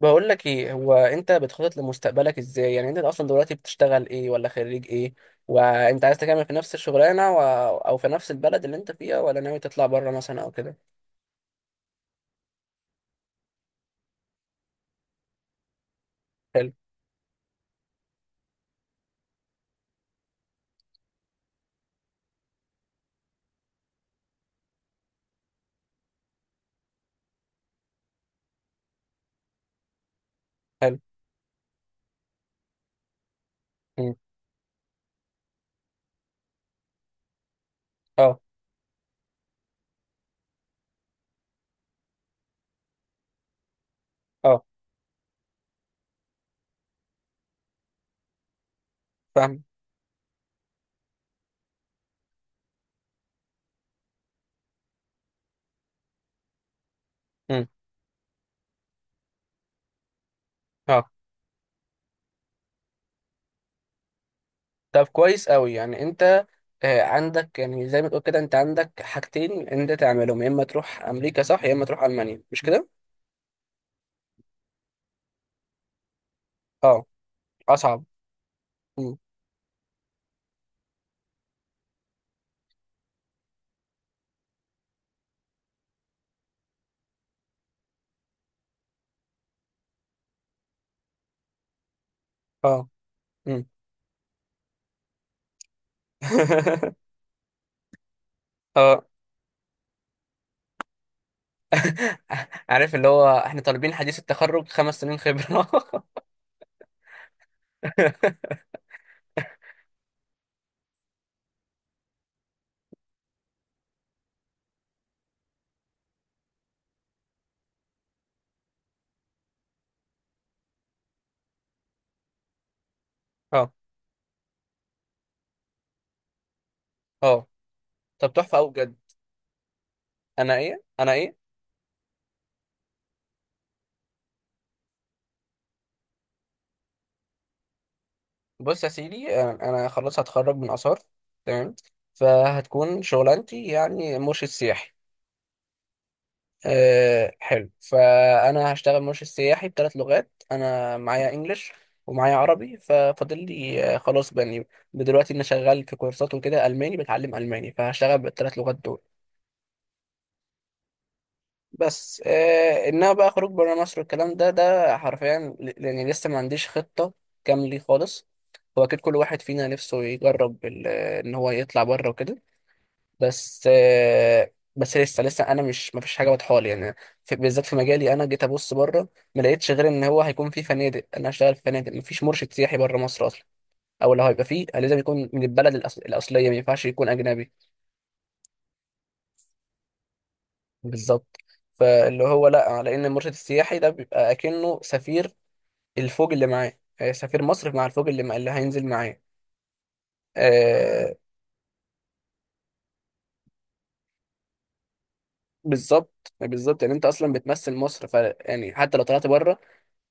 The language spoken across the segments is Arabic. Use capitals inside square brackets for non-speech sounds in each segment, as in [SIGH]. بقول لك ايه، هو انت بتخطط لمستقبلك ازاي؟ يعني انت اصلا دلوقتي بتشتغل ايه ولا خريج ايه؟ وانت عايز تكمل في نفس الشغلانه و... او في نفس البلد اللي انت فيها، ولا ناوي تطلع بره مثلا او كده؟ حلو. حلو. مم. اه. اه. فاهم. مم. اه، طب كويس قوي. يعني انت عندك، يعني زي ما تقول كده، انت عندك حاجتين انت تعملهم: يا اما تروح امريكا، صح، يا اما تروح المانيا، مش كده؟ اه، اصعب. مم. اه. مم. [LAUGHS] اه. [LAUGHS] عارف اللي هو احنا طالبين حديث التخرج خمس سنين خبرة. [LAUGHS] اه. اه، طب تحفة أوي بجد. أنا إيه؟ أنا إيه؟ بص يا سيدي، أنا خلاص هتخرج من آثار. تمام. فهتكون شغلانتي يعني مرشد سياحي. أه حلو، فأنا هشتغل مرشد سياحي بثلاث لغات. أنا معايا إنجلش ومعايا عربي، ففاضل لي خلاص بني، دلوقتي أنا شغال في كورسات وكده ألماني، بتعلم ألماني، فهشتغل بالثلاث لغات دول. بس آه انها بقى خروج بره مصر والكلام ده، ده حرفيا ل- لاني لسه ما عنديش خطه كامله خالص. هو اكيد كل واحد فينا نفسه يجرب ال- ان هو يطلع بره وكده، بس آه بس لسه انا مش، ما فيش حاجه واضحه لي يعني. في، بالذات في مجالي، انا جيت ابص بره، ما لقيتش غير ان هو هيكون في فنادق. انا هشتغل في فنادق، ما فيش مرشد سياحي بره مصر اصلا. او لو هيبقى فيه، لازم يكون من البلد الأصل... الاصليه، ما ينفعش يكون اجنبي. بالظبط. فاللي هو لا، على ان المرشد السياحي ده بيبقى اكنه سفير الفوج اللي معاه، سفير مصر مع الفوج اللي مع اللي هينزل معاه. آه، بالظبط بالظبط. يعني انت اصلا بتمثل مصر، ف يعني حتى لو طلعت بره،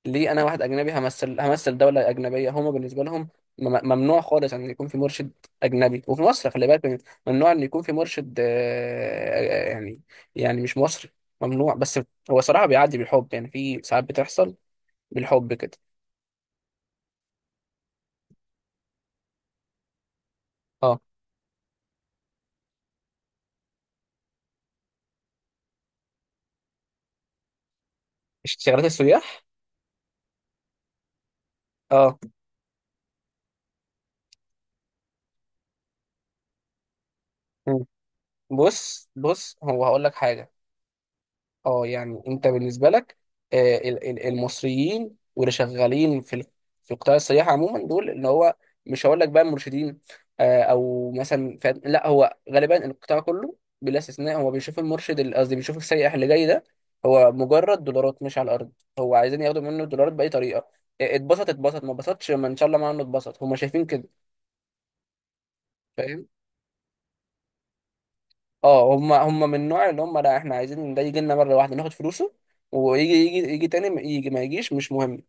ليه انا واحد اجنبي همثل دوله اجنبيه هما بالنسبه لهم؟ ممنوع خالص ان يكون في مرشد اجنبي. وفي مصر خلي بالك، ممنوع ان يكون في مرشد يعني، يعني مش مصري. ممنوع، بس هو صراحه بيعدي بالحب، يعني في ساعات بتحصل بالحب كده. اه، اشتغالات السياح. اه. مم. بص، بص، هو هقول لك حاجه. اه يعني انت بالنسبه لك، المصريين واللي شغالين في في قطاع السياحه عموما، دول اللي هو، مش هقول لك بقى مرشدين، او مثلا ف- لا، هو غالبا القطاع كله بلا استثناء هو بيشوف المرشد اللي- قصدي بيشوف السائح اللي جاي ده هو مجرد دولارات مش على الارض. هو عايزين ياخدوا منه الدولارات باي طريقه. اتبسط اتبسط، ما اتبسطش ما، ان شاء الله، ما عنه اتبسط، هم شايفين كده. فاهم. اه، هم من النوع اللي هم لا، احنا عايزين ده يجي لنا مره واحده ناخد فلوسه، ويجي يجي تاني، ما يجي ما يجيش مش مهم.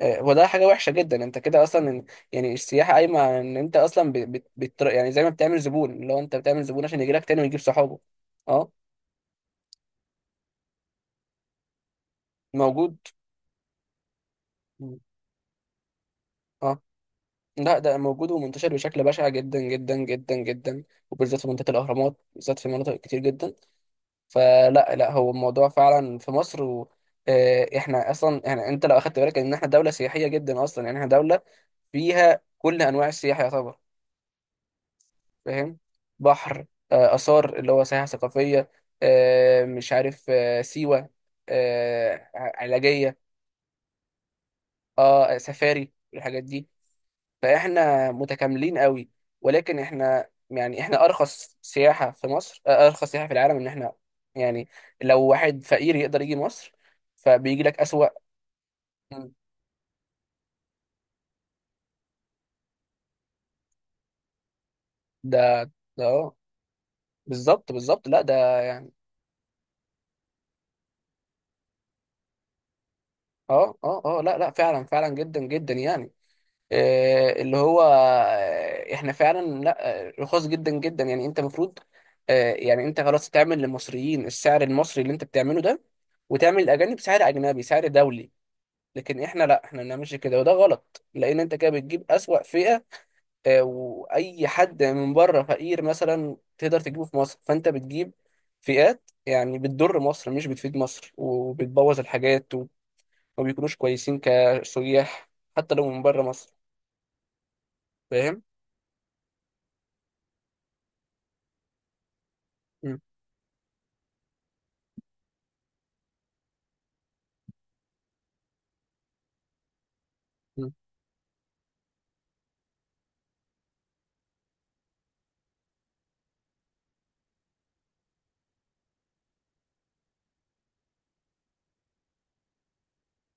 وده حاجة وحشة جدا، انت كده اصلا إن- يعني السياحة قايمة على ان انت اصلا يعني زي ما بتعمل زبون، اللي هو انت بتعمل زبون عشان يجي لك تاني ويجيب صحابه. اه، موجود. مم. اه، لا ده موجود ومنتشر بشكل بشع جدا جدا جدا جدا. وبالذات في منطقة الأهرامات، بالذات في مناطق كتير جدا. فلا لا، هو الموضوع فعلا في مصر و احنا اصلا، يعني انت لو اخدت بالك ان احنا دولة سياحية جدا اصلا. يعني احنا دولة فيها كل انواع السياحة يعتبر. فاهم. بحر، آثار اللي هو سياحة ثقافية، مش عارف، سيوة، علاجية. اه، سفاري والحاجات دي. فاحنا متكاملين قوي. ولكن احنا يعني احنا ارخص سياحة في مصر، ارخص سياحة في العالم، ان احنا يعني لو واحد فقير يقدر يجي مصر، فبيجي لك اسوأ. مم. ده. ده اه. بالظبط بالظبط، لا ده يعني اه اه اه لا لا، فعلا فعلا جدا جدا يعني آه، اللي هو آه، احنا فعلا لا، رخاص جدا جدا. يعني انت المفروض يعني انت خلاص تعمل للمصريين السعر المصري اللي انت بتعمله ده، وتعمل الاجانب سعر اجنبي، سعر دولي. لكن احنا لا، احنا ما بنعملش كده، وده غلط، لان انت كده بتجيب اسوأ فئة. واي حد من بره فقير مثلا تقدر تجيبه في مصر. فانت بتجيب فئات يعني بتضر مصر مش بتفيد مصر، وبتبوظ الحاجات وما بيكونوش كويسين كسياح، حتى لو من بره مصر. فاهم؟ م.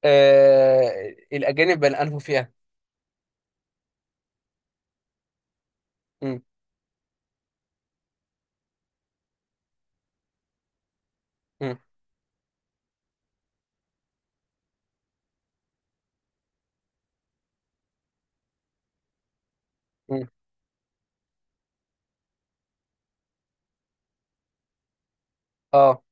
آه الأجانب بل أنهوا فيها. م. م. م. اه،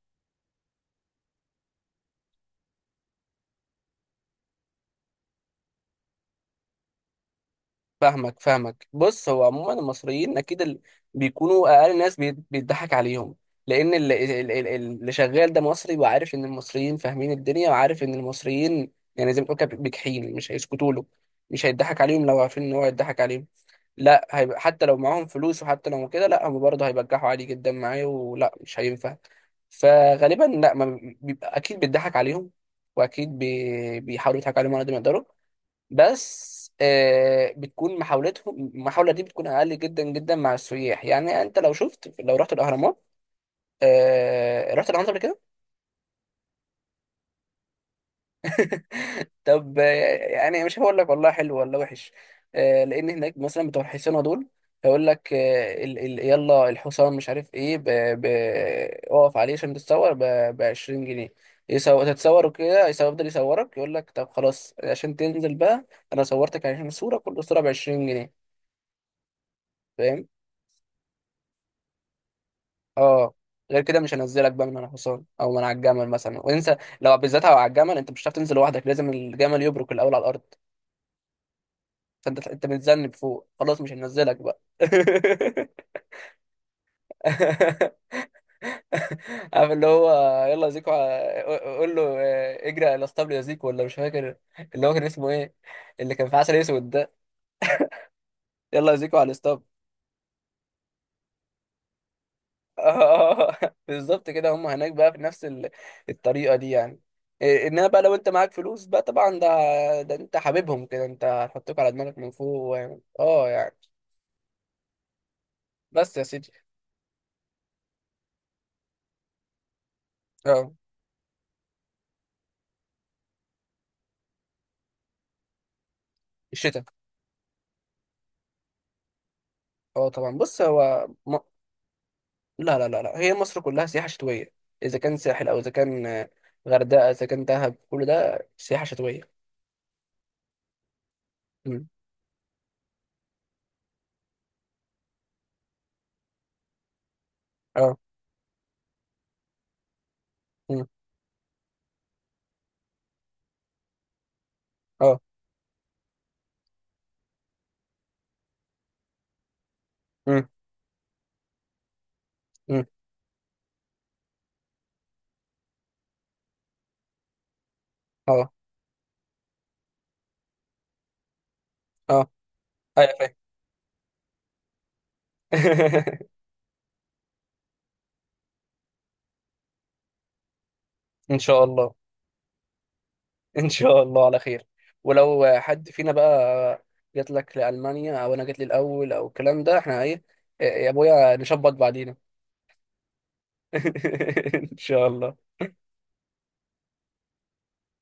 فاهمك فاهمك. بص، هو عموما المصريين أكيد ال... بيكونوا أقل ناس بيت- بيتضحك عليهم، لأن اللي شغال ده مصري، وعارف إن المصريين فاهمين الدنيا، وعارف إن المصريين يعني زي ما بتقول كده بجحين، مش هيسكتوا له. مش هيضحك عليهم لو عارفين إن هو هيضحك عليهم. لا، هيبقى حتى لو معاهم فلوس، وحتى لو كده، لا، هم برضه هيبجحوا عادي جدا معايا، ولا مش هينفع. فغالبا لا، ما بيبقى اكيد بيضحك عليهم، واكيد بي... بيحاولوا يضحكوا عليهم على قد ما يقدروا. بس آه بتكون محاولتهم، المحاولة دي بتكون اقل جدا جدا مع السياح. يعني انت لو شفت، لو رحت الاهرامات، آه رحت الاهرامات قبل كده؟ طب يعني مش هقول لك والله حلو ولا وحش. لان هناك مثلا بتوع الحصانه دول هيقول لك آه، ال ال يلا الحصان مش عارف ايه، ب اقف عليه عشان تتصور ب 20 جنيه. يصور تتصور وكده، يصور- يفضل يصورك، يقول لك طب خلاص عشان تنزل بقى، انا صورتك عشان صوره، كل صوره ب 20 جنيه. فاهم. اه، غير كده مش هنزلك بقى من على الحصان او من على الجمل مثلا. وانسى لو بالذات على الجمل، انت مش هتعرف تنزل لوحدك، لازم الجمل يبرك الاول على الارض. فانت انت بتذنب فوق، خلاص مش هنزلك بقى. [LAUGHS] عارف اللي هو يلا يا زيكو، ع- قول له اجري على الاسطبل يا زيكو، ولا مش فاكر اللي هو كان اسمه ايه اللي كان في عسل اسود ده؟ يلا يا زيكو على الاسطبل. آه، [LAUGHS] بالظبط كده، هم هناك بقى في نفس الطريقه دي يعني. إيه، انما بقى لو انت معاك فلوس بقى، طبعا ده، ده انت حبيبهم كده، انت هتحطوك على دماغك من فوق. و- اه يعني. بس يا سيدي. اه، الشتاء. اه طبعا، بص هو لا لا لا لا، هي مصر كلها سياحة شتوية. إذا كان ساحل، أو إذا كان غردقة، إذا كان دهب، كل ده سياحة شتوية. مم. اه. مم. اه. مم. مم. اه. اه. ايوه فاهم. [LAUGHS] إن شاء الله. إن شاء الله على خير. ولو حد فينا بقى جات لك لألمانيا، أو أنا جات لي الأول، أو الكلام ده، إحنا إيه يا أبويا نشبط بعدينا. [LAUGHS] إن شاء الله.